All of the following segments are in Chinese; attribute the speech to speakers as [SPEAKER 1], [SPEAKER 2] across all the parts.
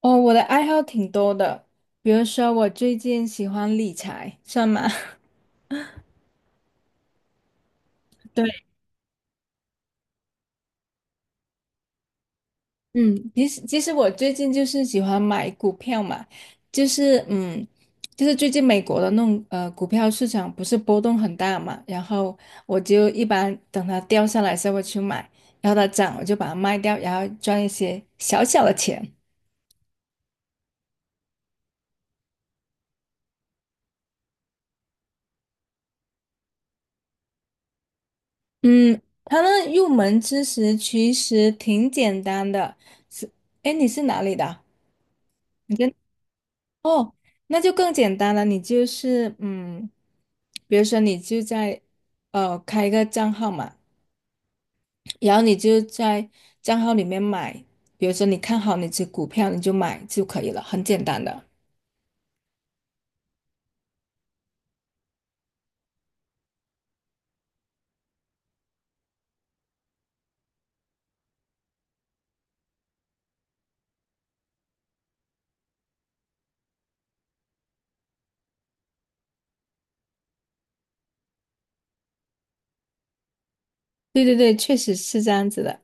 [SPEAKER 1] 哦，我的爱好挺多的，比如说我最近喜欢理财，算吗？对，嗯，其实我最近就是喜欢买股票嘛，就是嗯，就是最近美国的那种股票市场不是波动很大嘛，然后我就一般等它掉下来才时候我去买，然后它涨我就把它卖掉，然后赚一些小小的钱。嗯，它那入门知识其实挺简单的，是，哎，你是哪里的？你跟。哦，那就更简单了。你就是比如说你就在开一个账号嘛，然后你就在账号里面买，比如说你看好哪只股票，你就买就可以了，很简单的。对对对，确实是这样子的。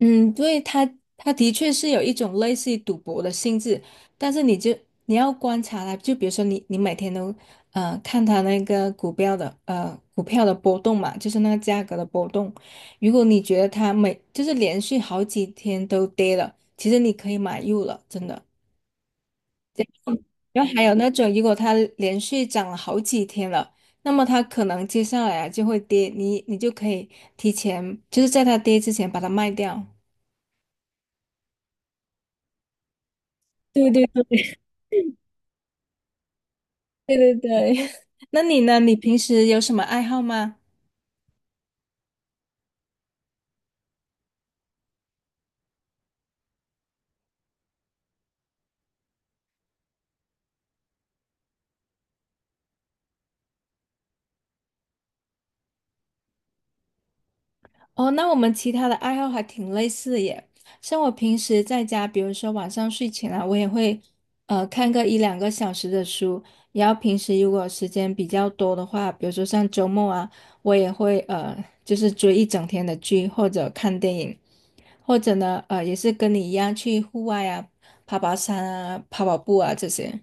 [SPEAKER 1] 嗯，对，它的确是有一种类似于赌博的性质，但是你要观察它，就比如说你每天都看它那个股票的波动嘛，就是那个价格的波动。如果你觉得它就是连续好几天都跌了，其实你可以买入了，真的。然后还有那种如果它连续涨了好几天了，那么它可能接下来啊就会跌，你就可以提前就是在它跌之前把它卖掉。对对对对对，那你呢？你平时有什么爱好吗？哦，那我们其他的爱好还挺类似的耶。像我平时在家，比如说晚上睡前啊，我也会看个一两个小时的书。然后平时如果时间比较多的话，比如说像周末啊，我也会就是追一整天的剧或者看电影，或者呢也是跟你一样去户外啊，爬爬山啊，跑跑步啊这些。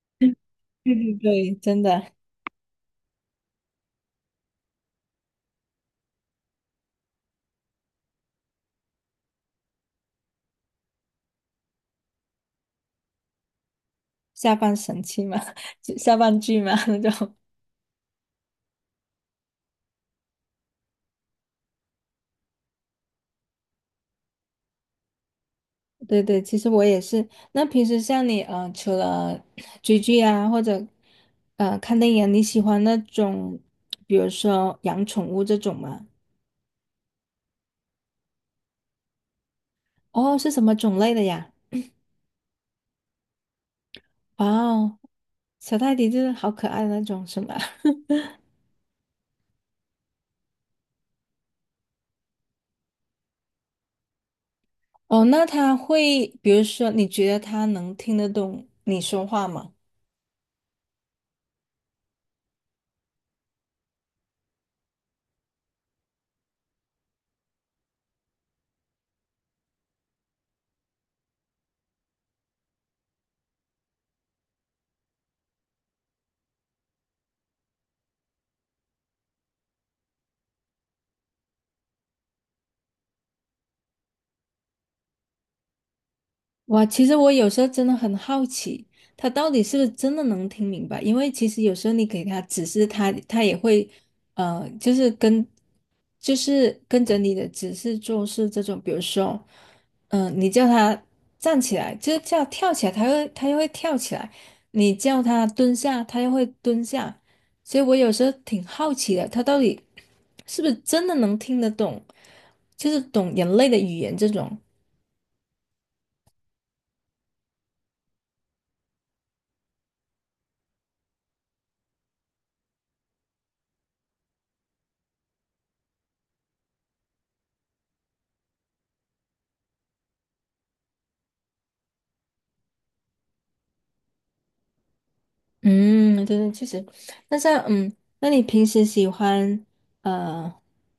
[SPEAKER 1] 对对对，真的。下半神器嘛，就下半句嘛 那种。对对，其实我也是。那平时像你，除了 追剧啊，或者看电影啊你喜欢那种，比如说养宠物这种吗？哦，是什么种类的呀？哇哦，小泰迪就是好可爱的那种，是吗？哦，那它会，比如说，你觉得它能听得懂你说话吗？哇，其实我有时候真的很好奇，他到底是不是真的能听明白？因为其实有时候你给他指示他，他也会，呃，就是跟，就是跟着你的指示做事这种。比如说，你叫他站起来，就是叫跳起来，他又会跳起来；你叫他蹲下，他又会蹲下。所以我有时候挺好奇的，他到底是不是真的能听得懂，就是懂人类的语言这种。嗯，对对，确实。那像嗯，那你平时喜欢呃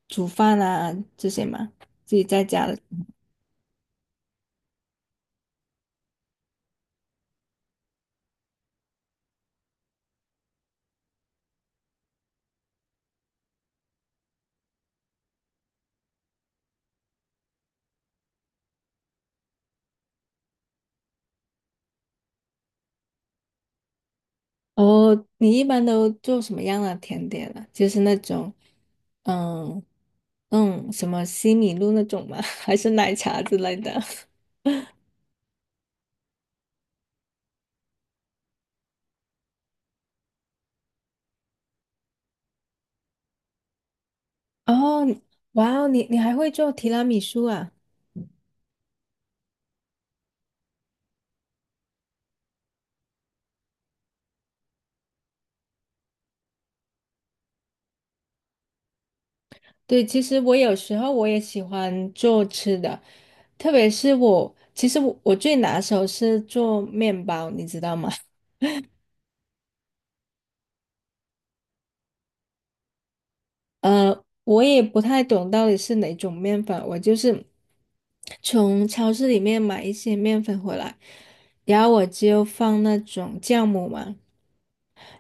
[SPEAKER 1] 煮饭啊这些吗？自己在家的哦，你一般都做什么样的甜点啊？就是那种嗯什么西米露那种吗？还是奶茶之类的？哦，哇哦，你还会做提拉米苏啊？对，其实我有时候我也喜欢做吃的，特别是我，其实我最拿手是做面包，你知道吗？我也不太懂到底是哪种面粉，我就是从超市里面买一些面粉回来，然后我就放那种酵母嘛，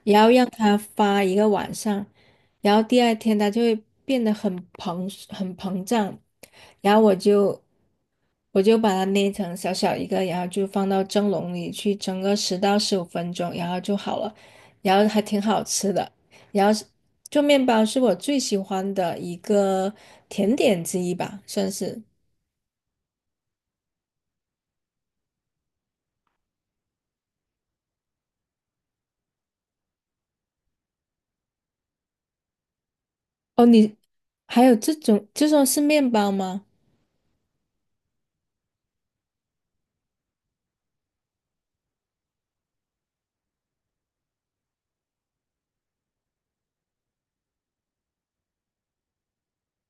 [SPEAKER 1] 然后让它发一个晚上，然后第二天它就会变得很膨胀，然后我就把它捏成小小一个，然后就放到蒸笼里去蒸个10到15分钟，然后就好了，然后还挺好吃的。然后是做面包是我最喜欢的一个甜点之一吧，算是。哦，你还有这种是面包吗？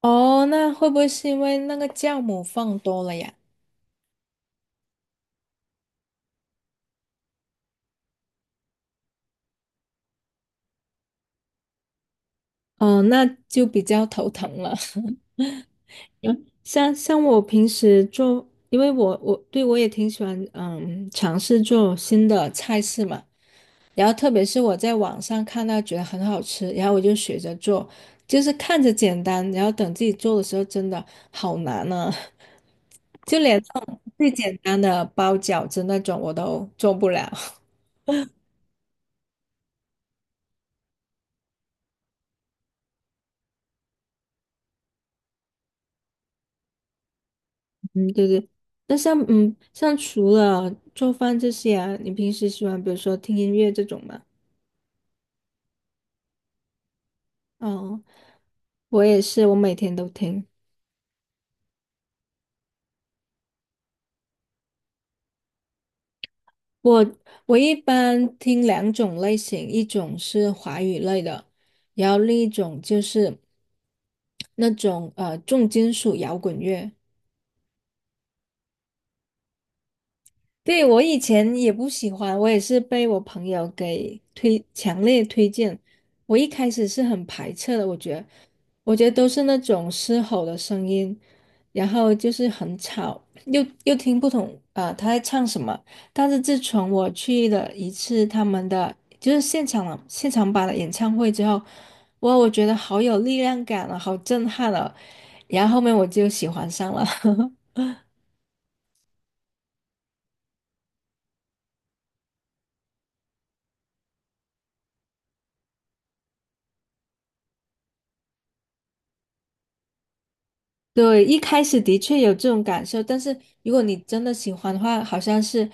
[SPEAKER 1] 哦，那会不会是因为那个酵母放多了呀？哦，那就比较头疼了。嗯，像我平时做，因为我也挺喜欢尝试做新的菜式嘛，然后特别是我在网上看到觉得很好吃，然后我就学着做，就是看着简单，然后等自己做的时候真的好难呢、啊 就连这种最简单的包饺子那种我都做不了。嗯，对对。那像嗯像除了做饭这些啊，你平时喜欢比如说听音乐这种吗？哦，我也是，我每天都听。我我一般听两种类型，一种是华语类的，然后另一种就是那种重金属摇滚乐。对，我以前也不喜欢，我也是被我朋友给推，强烈推荐。我一开始是很排斥的，我觉得都是那种嘶吼的声音，然后就是很吵，又听不懂啊、他在唱什么。但是自从我去了一次他们的就是现场版的演唱会之后，哇，我觉得好有力量感了，好震撼了。然后后面我就喜欢上了。对，一开始的确有这种感受，但是如果你真的喜欢的话，好像是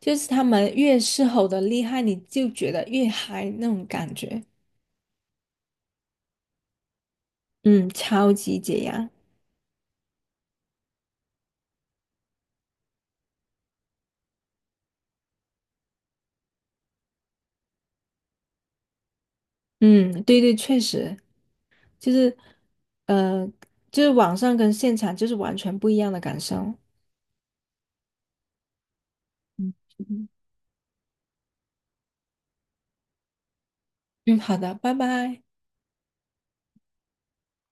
[SPEAKER 1] 就是他们越狮吼的厉害，你就觉得越嗨那种感觉。嗯，超级解压。嗯，对对，确实就是，呃，就是网上跟现场就是完全不一样的感受。嗯，嗯好的，拜拜。